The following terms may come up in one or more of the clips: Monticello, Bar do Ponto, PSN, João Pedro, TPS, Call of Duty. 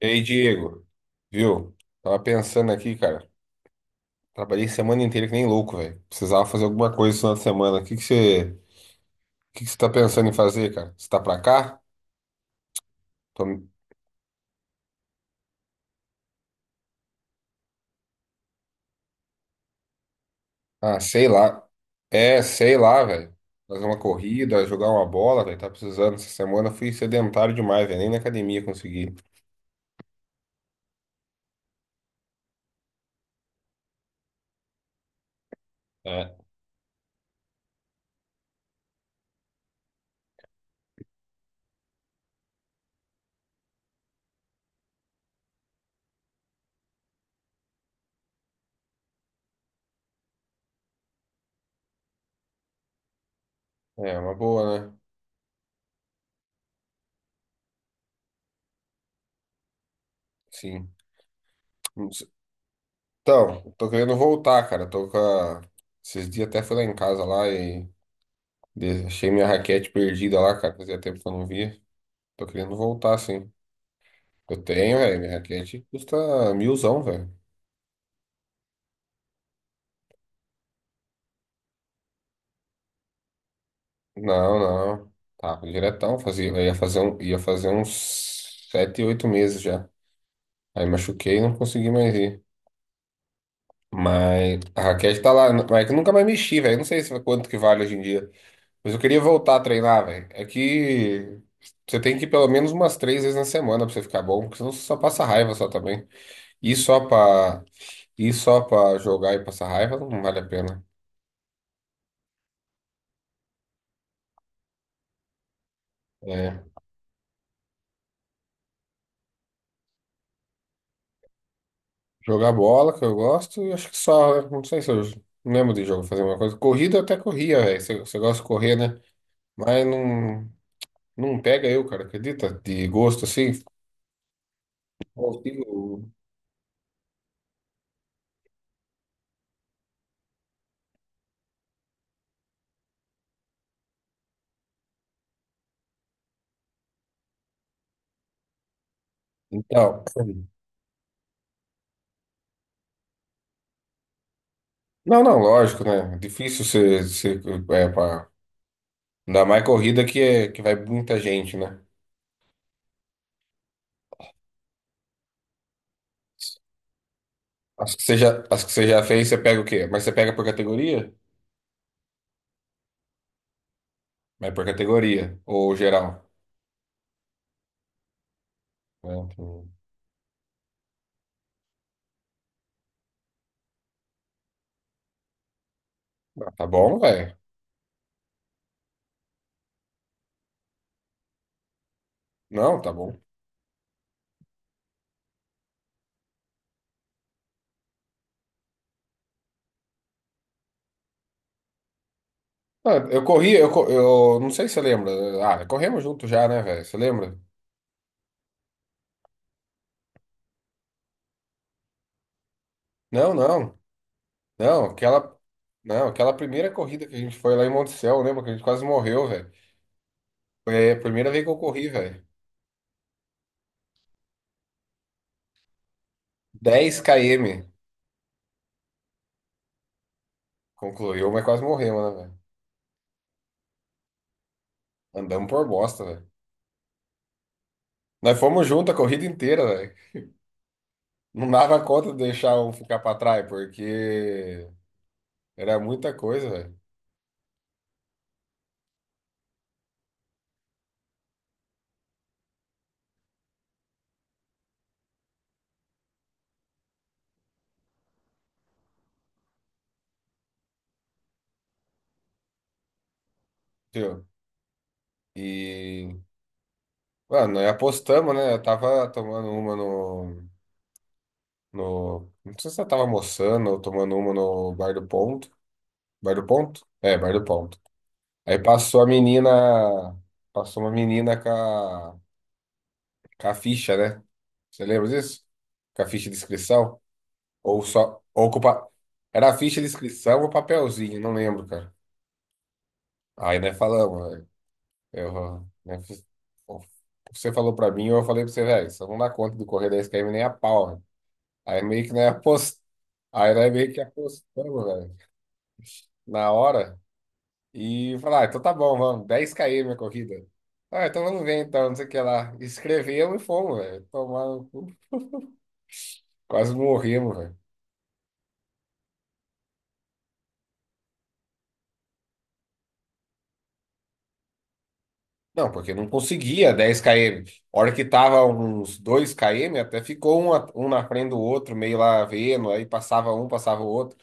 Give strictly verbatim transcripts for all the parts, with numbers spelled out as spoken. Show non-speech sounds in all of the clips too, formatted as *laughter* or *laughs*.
E aí, Diego, viu? Tava pensando aqui, cara. Trabalhei semana inteira que nem louco, velho. Precisava fazer alguma coisa esse final de semana. O que que você, o que que você tá pensando em fazer, cara? Você tá pra cá? Tô- Ah, sei lá. É, sei lá, velho. Fazer uma corrida, jogar uma bola, velho. Tá precisando. Essa semana eu fui sedentário demais, velho. Nem na academia consegui. É. É, uma boa, né? Sim. Não sei- Então, eu tô querendo voltar, cara. Tô com a... Esses dias até fui lá em casa lá e De- achei minha raquete perdida lá, cara. Fazia tempo que eu não via. Tô querendo voltar, sim. Eu tenho, velho. Minha raquete custa milzão, velho. Não, não. Tá, diretão. Fazia, eu ia fazer, um, ia fazer uns sete, oito meses já. Aí machuquei e não consegui mais ir. Mas a raquete tá lá. Mas é que eu nunca mais mexi, velho. Não sei se é quanto que vale hoje em dia. Mas eu queria voltar a treinar, velho. É que você tem que ir pelo menos umas três vezes na semana pra você ficar bom, porque senão você só passa raiva só também. E só pra, e só pra jogar e passar raiva não vale a pena. É, jogar bola, que eu gosto, eu acho que só, né? Não sei se eu não lembro de jogo fazer uma coisa. Corrida eu até corria, velho. Você você gosta de correr, né? Mas não, não pega eu, cara, acredita? De gosto assim. Consigo. Então. Não, não, lógico, né? Difícil você, você é, pra, ainda mais corrida que, é, que vai muita gente, né? As que você já, as que você já fez, você pega o quê? Mas você pega por categoria? Mas por categoria, ou geral? Né? Então, ah, tá bom, velho. Não, tá bom. Ah, eu corri, eu, co- Eu não sei se você lembra. Ah, corremos junto já, né, velho? Você lembra? Não, não. Não, aquela. Não, aquela primeira corrida que a gente foi lá em Monticello, lembra que a gente quase morreu, velho? Foi a primeira vez que eu corri, velho. Dez km. Concluiu, mas quase morremos, né, velho? Andamos por bosta, velho. Nós fomos junto a corrida inteira, velho. Não dava conta de deixar um ficar pra trás, porque era muita coisa, velho. Entendeu? E ah, nós apostamos, né? Eu tava tomando uma no, no. Não sei se eu tava almoçando ou tomando uma no Bar do Ponto. Bar do Ponto? É, Bar do Ponto. Aí passou a menina. Passou uma menina com a, com a ficha, né? Você lembra disso? Com a ficha de inscrição? Ou só. Ou com o pa- Era a ficha de inscrição ou papelzinho, não lembro, cara. Aí nós falamos, velho. Eu, né, fiz- o que Você falou pra mim, eu falei pra você, velho, só não dá conta do correr dez quilômetros nem a pau. Aí meio que, né, apost... Aí nós meio que apostamos, velho, na hora. E falar, ah, então tá bom, vamos, dez km a corrida. Ah, então vamos ver então, não sei o que lá. Escrevemos e fomos, velho. Tomaram, no cu. Quase morremos, velho. Não, porque não conseguia dez km. A hora que tava uns dois km até ficou um, a- um na frente do outro, meio lá vendo, aí passava um, passava o outro.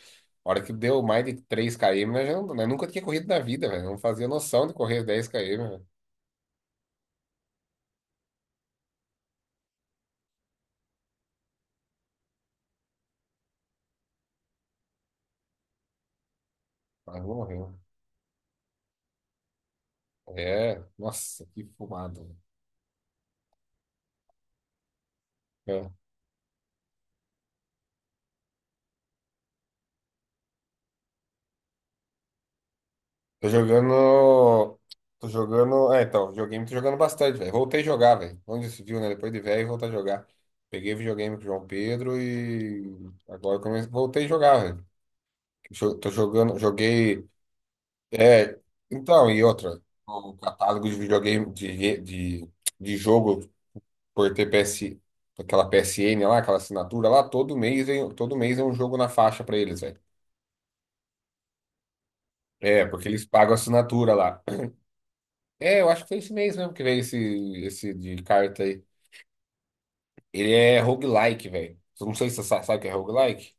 A hora que deu mais de três km nós, já não- nós nunca tinha corrido na vida, velho. Não fazia noção de correr dez km, velho. Quase morremos. É, nossa, que fumado. É. Tô jogando. Tô jogando. É, então, videogame tô jogando bastante, velho. Voltei a jogar, velho. Onde se viu, né? Depois de velho, voltar a jogar. Peguei videogame com o João Pedro e agora eu comecei... voltei a jogar, velho. Jo- Tô jogando, joguei. É, então, e outra. O catálogo de videogame, de, re- de, de jogo por T P S, aquela P S N lá, aquela assinatura lá, todo mês, vem- todo mês é um jogo na faixa pra eles, velho. É, porque eles pagam assinatura lá. É, eu acho que foi esse mês mesmo que veio esse, esse de carta aí. Ele é roguelike, velho. Eu não sei se você sa- sabe o que é roguelike.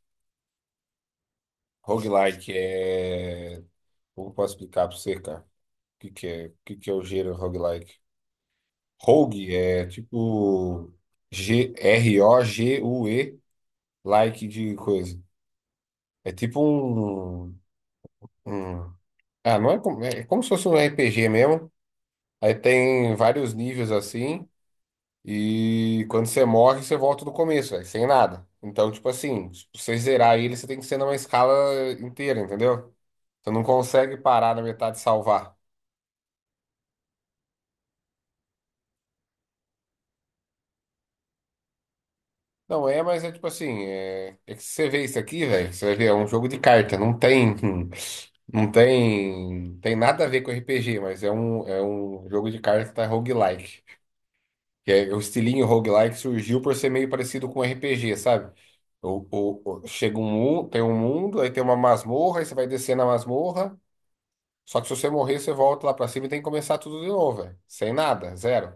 Roguelike é. Como posso explicar pra você, cara? O que que é, o que que é o gênero roguelike? Rogue é tipo G R-O-G-U-E, like de coisa. É tipo um, um- Ah, não é como... é como se fosse um R P G mesmo. Aí tem vários níveis assim. E quando você morre, você volta do começo, velho, sem nada. Então, tipo assim, se você zerar ele, você tem que ser numa escala inteira, entendeu? Você não consegue parar na metade e salvar. Não é, mas é tipo assim, é, é que se você vê isso aqui, velho, você vai ver, é um jogo de carta, não tem, *laughs* não tem, tem nada a ver com R P G, mas é um, é um jogo de carta roguelike. Que é, o estilinho roguelike surgiu por ser meio parecido com R P G, sabe? O, o, o- chega um mundo, tem um mundo, aí tem uma masmorra, aí você vai descer na masmorra. Só que se você morrer, você volta lá pra cima e tem que começar tudo de novo, velho. Sem nada, zero.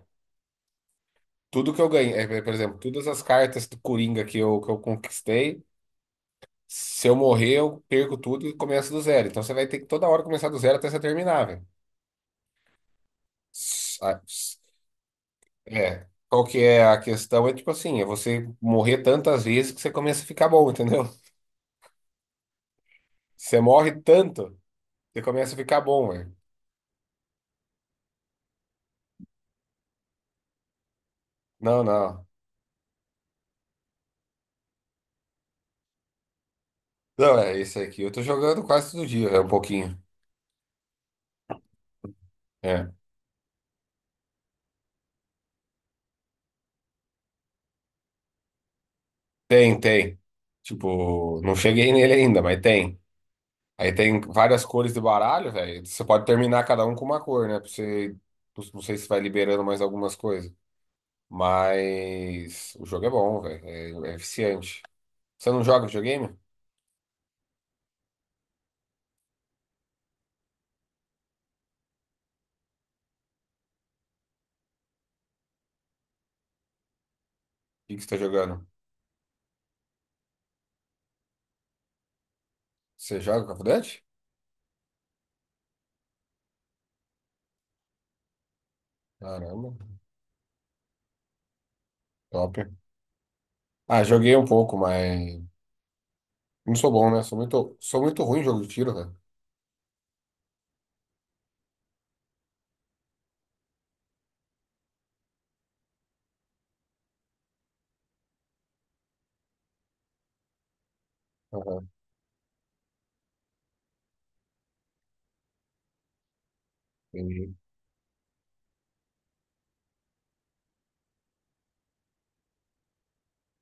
Tudo que eu ganhei, é, é, por exemplo, todas as cartas do Coringa que eu, que eu conquistei, se eu morrer, eu perco tudo e começo do zero. Então você vai ter que toda hora começar do zero até você terminar, velho. S- a- s- É. Qual que é a questão? É tipo assim, é você morrer tantas vezes que você começa a ficar bom, *laughs* entendeu? Você morre tanto, você começa a ficar bom, velho. Não, não. Não, é esse aqui. Eu tô jogando quase todo dia, é um pouquinho. É. Tem, tem. Tipo, não cheguei nele ainda, mas tem. Aí tem várias cores de baralho, velho. Você pode terminar cada um com uma cor, né? Pra você... Não sei se vai liberando mais algumas coisas. Mas o jogo é bom, velho. É, é eficiente. Você não joga videogame? O que que você tá jogando? Você joga Call of Duty? Caramba, top. Ah, joguei um pouco, mas. Não sou bom, né? Sou muito, sou muito ruim em jogo de tiro, velho. Aham, entendi.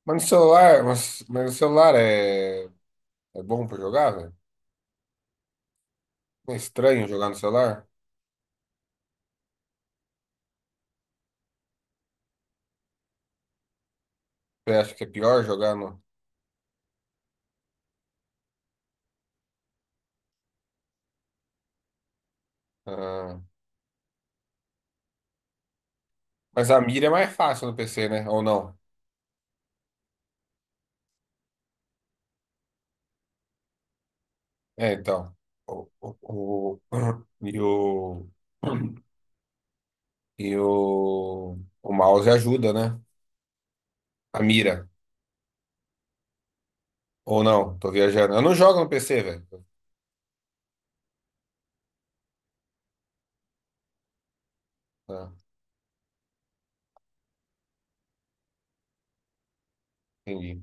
Mas no celular, mas, mas no celular é, é bom pra jogar, velho? Não é estranho jogar no celular? Você acha que é pior jogar no. Ah, mas a mira é mais fácil no P C, né? Ou não? É, então. O, o, o- *clears throat* e o, e o, o mouse ajuda, né? A mira. Ou não? Tô viajando. Eu não jogo no P C, velho. Ah, entendi.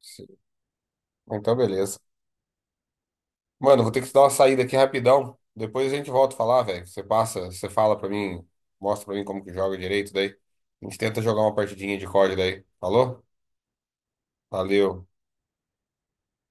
Sim. Então, beleza. Mano, vou ter que dar uma saída aqui rapidão. Depois a gente volta a falar, velho. Você passa, você fala pra mim, mostra pra mim como que joga direito daí. A gente tenta jogar uma partidinha de códi daí. Falou? Valeu.